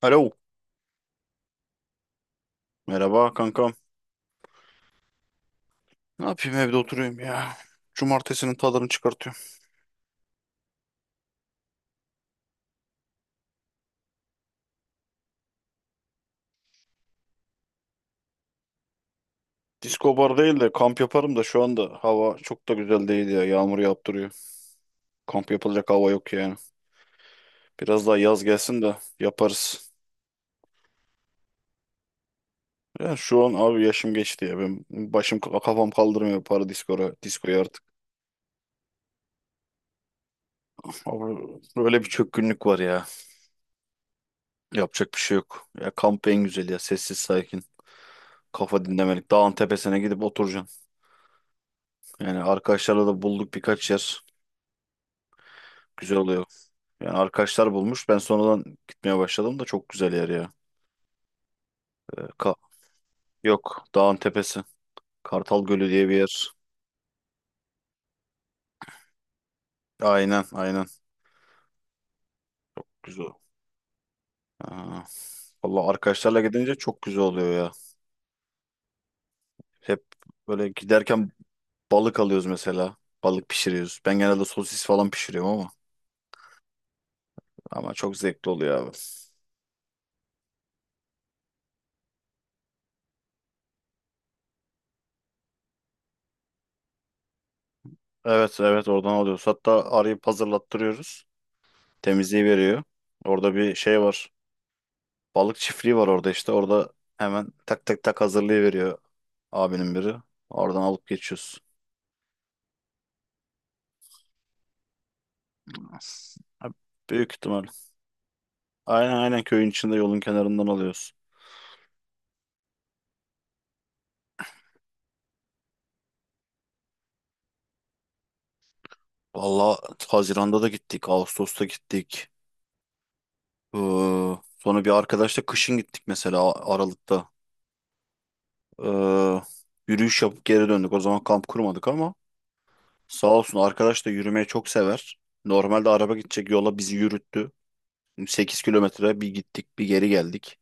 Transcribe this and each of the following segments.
Alo. Merhaba kankam. Ne yapayım evde oturuyorum ya. Cumartesinin tadını çıkartıyorum. Disko bar değil de kamp yaparım da şu anda hava çok da güzel değil ya. Yağmur yaptırıyor. Kamp yapılacak hava yok yani. Biraz daha yaz gelsin de yaparız. Ya şu an abi yaşım geçti ya. Ben başım kafam kaldırmıyor para diskora, diskoya artık. Abi böyle bir çökkünlük var ya. Yapacak bir şey yok. Ya kamp en güzel ya. Sessiz sakin. Kafa dinlemelik. Dağın tepesine gidip oturacaksın. Yani arkadaşlarla da bulduk birkaç yer. Güzel oluyor. Yani arkadaşlar bulmuş. Ben sonradan gitmeye başladım da çok güzel yer ya. Ee, ka- yok, dağın tepesi. Kartal Gölü diye bir yer. Aynen aynen. Güzel. Aa, valla, arkadaşlarla gidince çok güzel oluyor ya. Hep böyle giderken balık alıyoruz mesela. Balık pişiriyoruz. Ben genelde sosis falan pişiriyorum ama. Ama çok zevkli oluyor abi. Evet evet, oradan alıyoruz. Hatta arayıp hazırlattırıyoruz. Temizliği veriyor. Orada bir şey var. Balık çiftliği var orada işte. Orada hemen tak tak tak hazırlayıveriyor. Abinin biri. Oradan alıp geçiyoruz. As- Büyük ihtimal. Aynen aynen, köyün içinde yolun kenarından alıyoruz. Valla Haziran'da da gittik. Ağustos'ta gittik. Ee, sonra bir arkadaşla kışın gittik mesela, Aralık'ta. Ee, yürüyüş yapıp geri döndük. O zaman kamp kurmadık ama sağ olsun, arkadaş da yürümeyi çok sever. Normalde araba gidecek yola bizi yürüttü. 8 kilometre bir gittik bir geri geldik.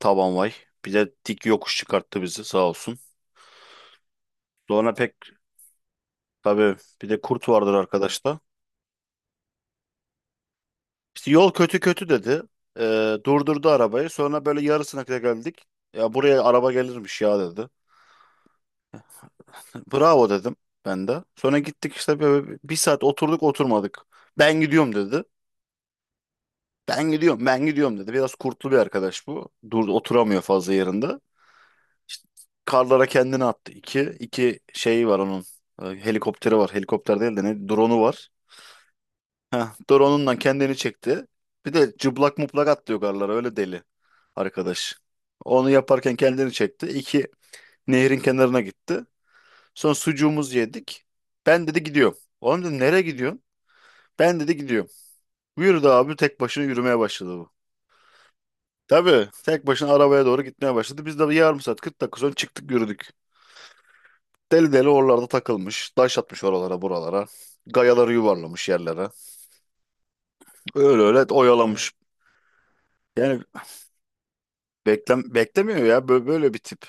Taban vay. Bir de dik yokuş çıkarttı bizi sağ olsun. Sonra tabii bir de kurt vardır arkadaşta. İşte yol kötü kötü dedi. Durdurdu arabayı. Sonra böyle yarısına kadar geldik. Ya buraya araba gelirmiş ya, dedi. Bravo dedim ben de. Sonra gittik işte, böyle bir saat oturduk oturmadık. Ben gidiyorum, dedi. Ben gidiyorum, ben gidiyorum, dedi. Biraz kurtlu bir arkadaş bu. Dur, oturamıyor fazla yerinde. İşte karlara kendini attı. İki şey var onun. Helikopteri var. Helikopter değil de ne? Drone'u var. Heh, dur onunla kendini çekti. Bir de cıblak muplak atlıyor garlara, öyle deli arkadaş. Onu yaparken kendini çekti. İki, nehrin kenarına gitti. Sonra sucuğumuzu yedik. Ben dedi gidiyorum. Oğlum dedim, nereye gidiyorsun? Ben dedi gidiyorum. Yürüdü abi, tek başına yürümeye başladı bu. Tabii tek başına arabaya doğru gitmeye başladı. Biz de bir yarım saat 40 dakika sonra çıktık, yürüdük. Deli deli oralarda takılmış. Taş atmış oralara buralara. Gayaları yuvarlamış yerlere. Öyle öyle oyalamış. Yani beklemiyor ya böyle, böyle bir tip.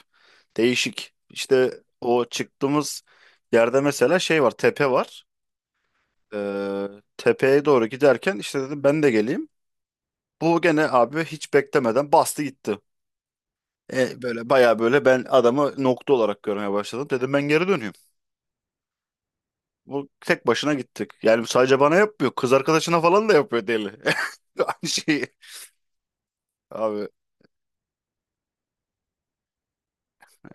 Değişik. İşte o çıktığımız yerde mesela şey var, tepe var. Ee, tepeye doğru giderken işte dedim ben de geleyim. Bu gene abi hiç beklemeden bastı gitti. Böyle baya, böyle ben adamı nokta olarak görmeye başladım. Dedim ben geri dönüyorum. Bu tek başına gittik. Yani sadece bana yapmıyor. Kız arkadaşına falan da yapıyor, deli. Aynı şeyi. Abi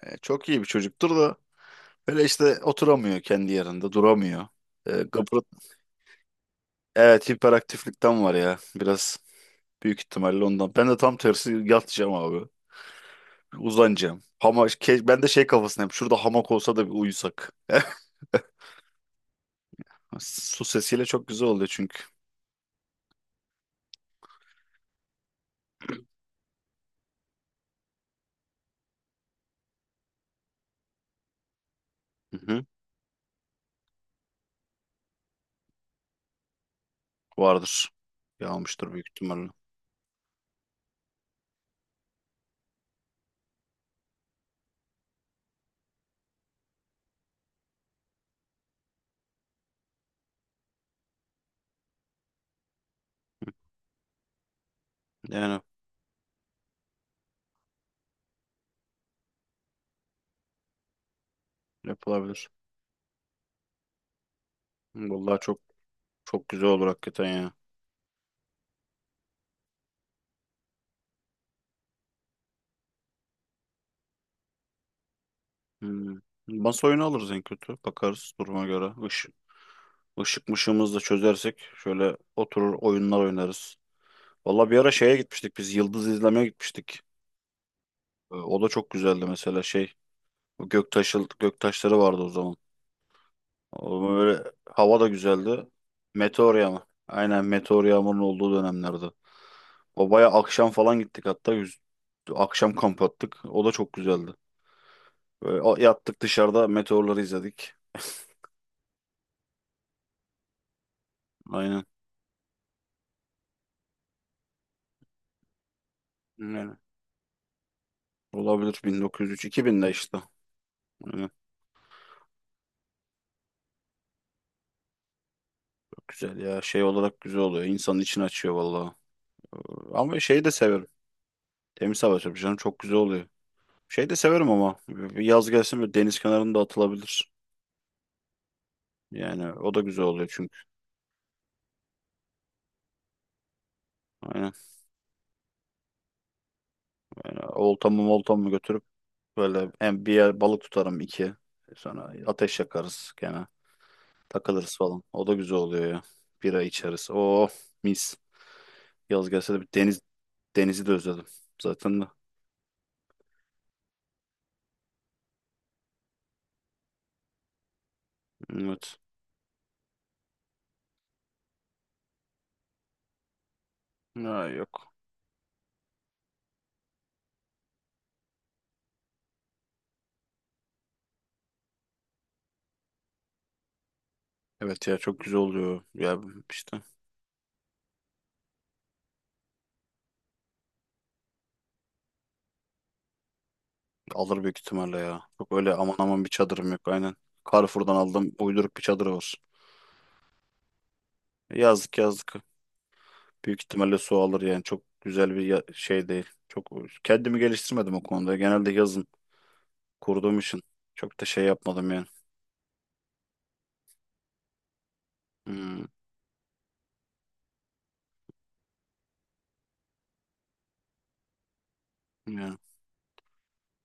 çok iyi bir çocuktur da, böyle işte oturamıyor kendi yerinde, duramıyor. E, Evet, hiperaktiflikten var ya biraz, büyük ihtimalle ondan. Ben de tam tersi yatacağım abi. Uzanacağım. Ben de şey kafasındayım. Şurada hamak olsa da bir uyusak. Su sesiyle çok güzel oluyor çünkü. Hı hı. Vardır. Yağmıştır büyük ihtimalle. Yani yapılabilir. Vallahi çok çok güzel olur hakikaten ya. Hmm. Masa oyunu alırız en kötü. Bakarız duruma göre. Işık, ışık mışığımızı da çözersek şöyle oturur oyunlar oynarız. Vallahi bir ara şeye gitmiştik biz. Yıldız izlemeye gitmiştik. O da çok güzeldi mesela şey. O göktaşı, göktaşları vardı o zaman. O böyle hava da güzeldi. Meteor yağmur. Aynen, meteor yağmurun olduğu dönemlerde. O baya akşam falan gittik hatta. Akşam kamp attık. O da çok güzeldi. Böyle yattık dışarıda, meteorları izledik. Aynen. Yani olabilir 1903, 2000'de işte. Aynen. Çok güzel ya, şey olarak güzel oluyor. İnsanın içini açıyor vallahi. Ee, Ama şeyi de severim. Temiz hava tabii canım, çok güzel oluyor. Şey de severim ama yaz gelsin, böyle deniz kenarında atılabilir. Yani o da güzel oluyor çünkü. Aynen. Yani oltamı moltamı götürüp böyle en bir yer balık tutarım iki. Sonra ateş yakarız gene. Takılırız falan. O da güzel oluyor ya. Bira içeriz. Oh mis. Yaz gelse de bir deniz, denizi de özledim zaten de. Evet. Ya yok. Evet ya, çok güzel oluyor. Ya işte alır büyük ihtimalle ya. Çok öyle aman aman bir çadırım yok, aynen. Carrefour'dan aldım, uyduruk bir çadır var. Yazlık yazlık. Büyük ihtimalle su alır yani, çok güzel bir şey değil. Çok kendimi geliştirmedim o konuda. Genelde yazın kurduğum için çok da şey yapmadım yani. Hmm, yani.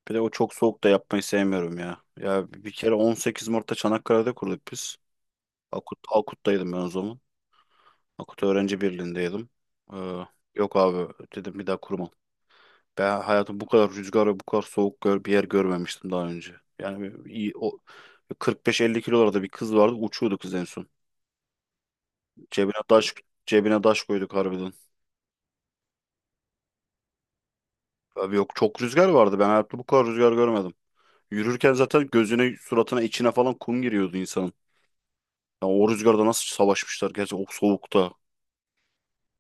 Bir de o çok soğuk da yapmayı sevmiyorum ya. Ya bir kere 18 Mart'ta Çanakkale'de kurduk biz. Akut'taydım ben o zaman. Akut Öğrenci Birliği'ndeydim. Ee, yok abi, dedim bir daha kurmam. Ben hayatım bu kadar rüzgar ve bu kadar soğuk gör, bir yer görmemiştim daha önce. Yani iyi, o 45-50 kilolarda bir kız vardı, uçuyordu kız en son. Cebine taş, cebine taş koyduk harbiden. Abi yok, çok rüzgar vardı. Ben hayatımda bu kadar rüzgar görmedim. Yürürken zaten gözüne, suratına, içine falan kum giriyordu insanın. Ya o rüzgarda nasıl savaşmışlar, gerçi o soğukta.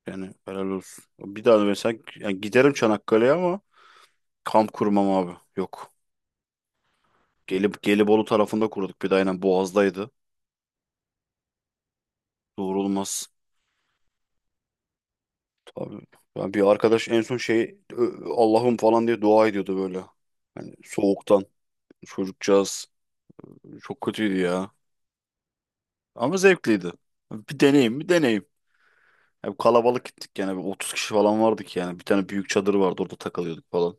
Yani helal olsun. Bir daha da mesela, yani giderim Çanakkale'ye ama kamp kurmam abi. Yok. Gelip Gelibolu tarafında kurduk, bir de aynen Boğaz'daydı. Doğrulmaz. Tabii. Yani bir arkadaş en son şey, Allah'ım" falan diye dua ediyordu böyle. Yani soğuktan. Çocukcağız çok kötüydü ya. Ama zevkliydi. Bir deneyim, bir deneyim. Ya bu kalabalık gittik yani, bir 30 kişi falan vardık yani. Bir tane büyük çadır vardı, orada takılıyorduk falan.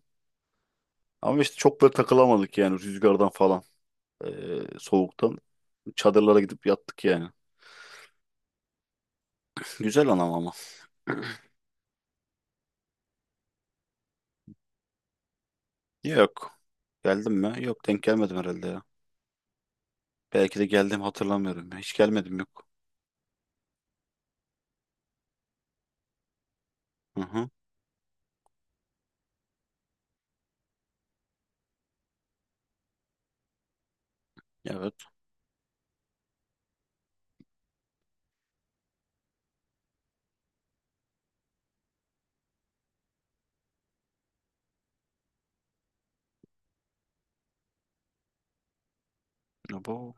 Ama işte çok böyle takılamadık yani, rüzgardan falan. Soğuktan. Çadırlara gidip yattık yani. Güzel anam ama. Yok. Geldim mi? Yok, denk gelmedim herhalde ya. Belki de geldim, hatırlamıyorum ya. Hiç gelmedim, yok. Hı hı. Evet. Ya bu.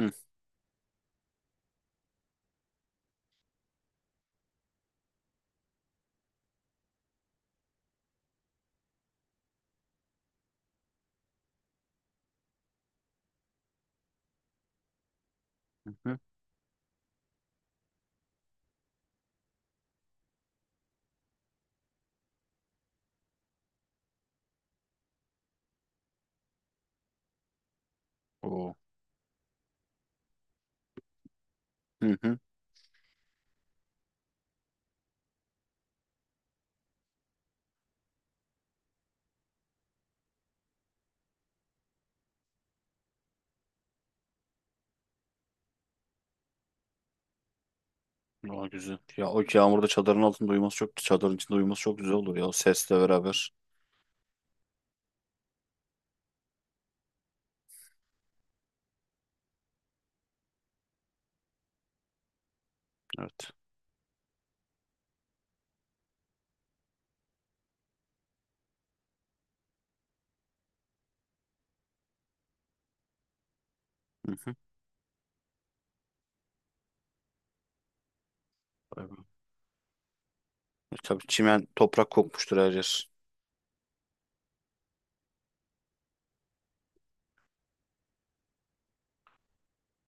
Hı hı. Hı. Oo. Hı hı. Güzel. Ya o yağmurda çadırın altında uyuması çok, çadırın içinde uyuması çok güzel olur ya, o sesle beraber. Evet. Hı hı. Vay be. Tabii çimen toprak kokmuştur her yer.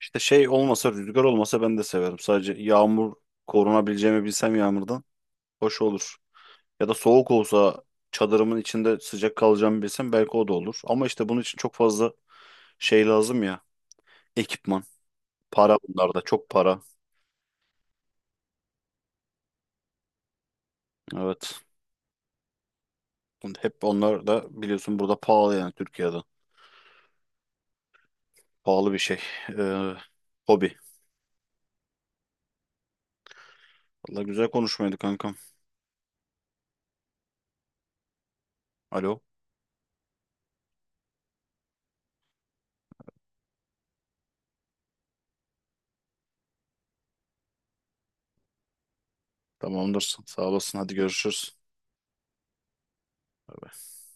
İşte şey olmasa, rüzgar olmasa ben de severim. Sadece yağmur, korunabileceğimi bilsem yağmurdan hoş olur. Ya da soğuk olsa çadırımın içinde sıcak kalacağımı bilsem, belki o da olur. Ama işte bunun için çok fazla şey lazım ya. Ekipman. Para, bunlarda çok para. Evet. Hep onlar da biliyorsun burada pahalı yani, Türkiye'de. Pahalı bir şey. Ee, hobi. Valla güzel konuşmaydı kankam. Alo. Tamamdır. Sağ olasın. Hadi görüşürüz.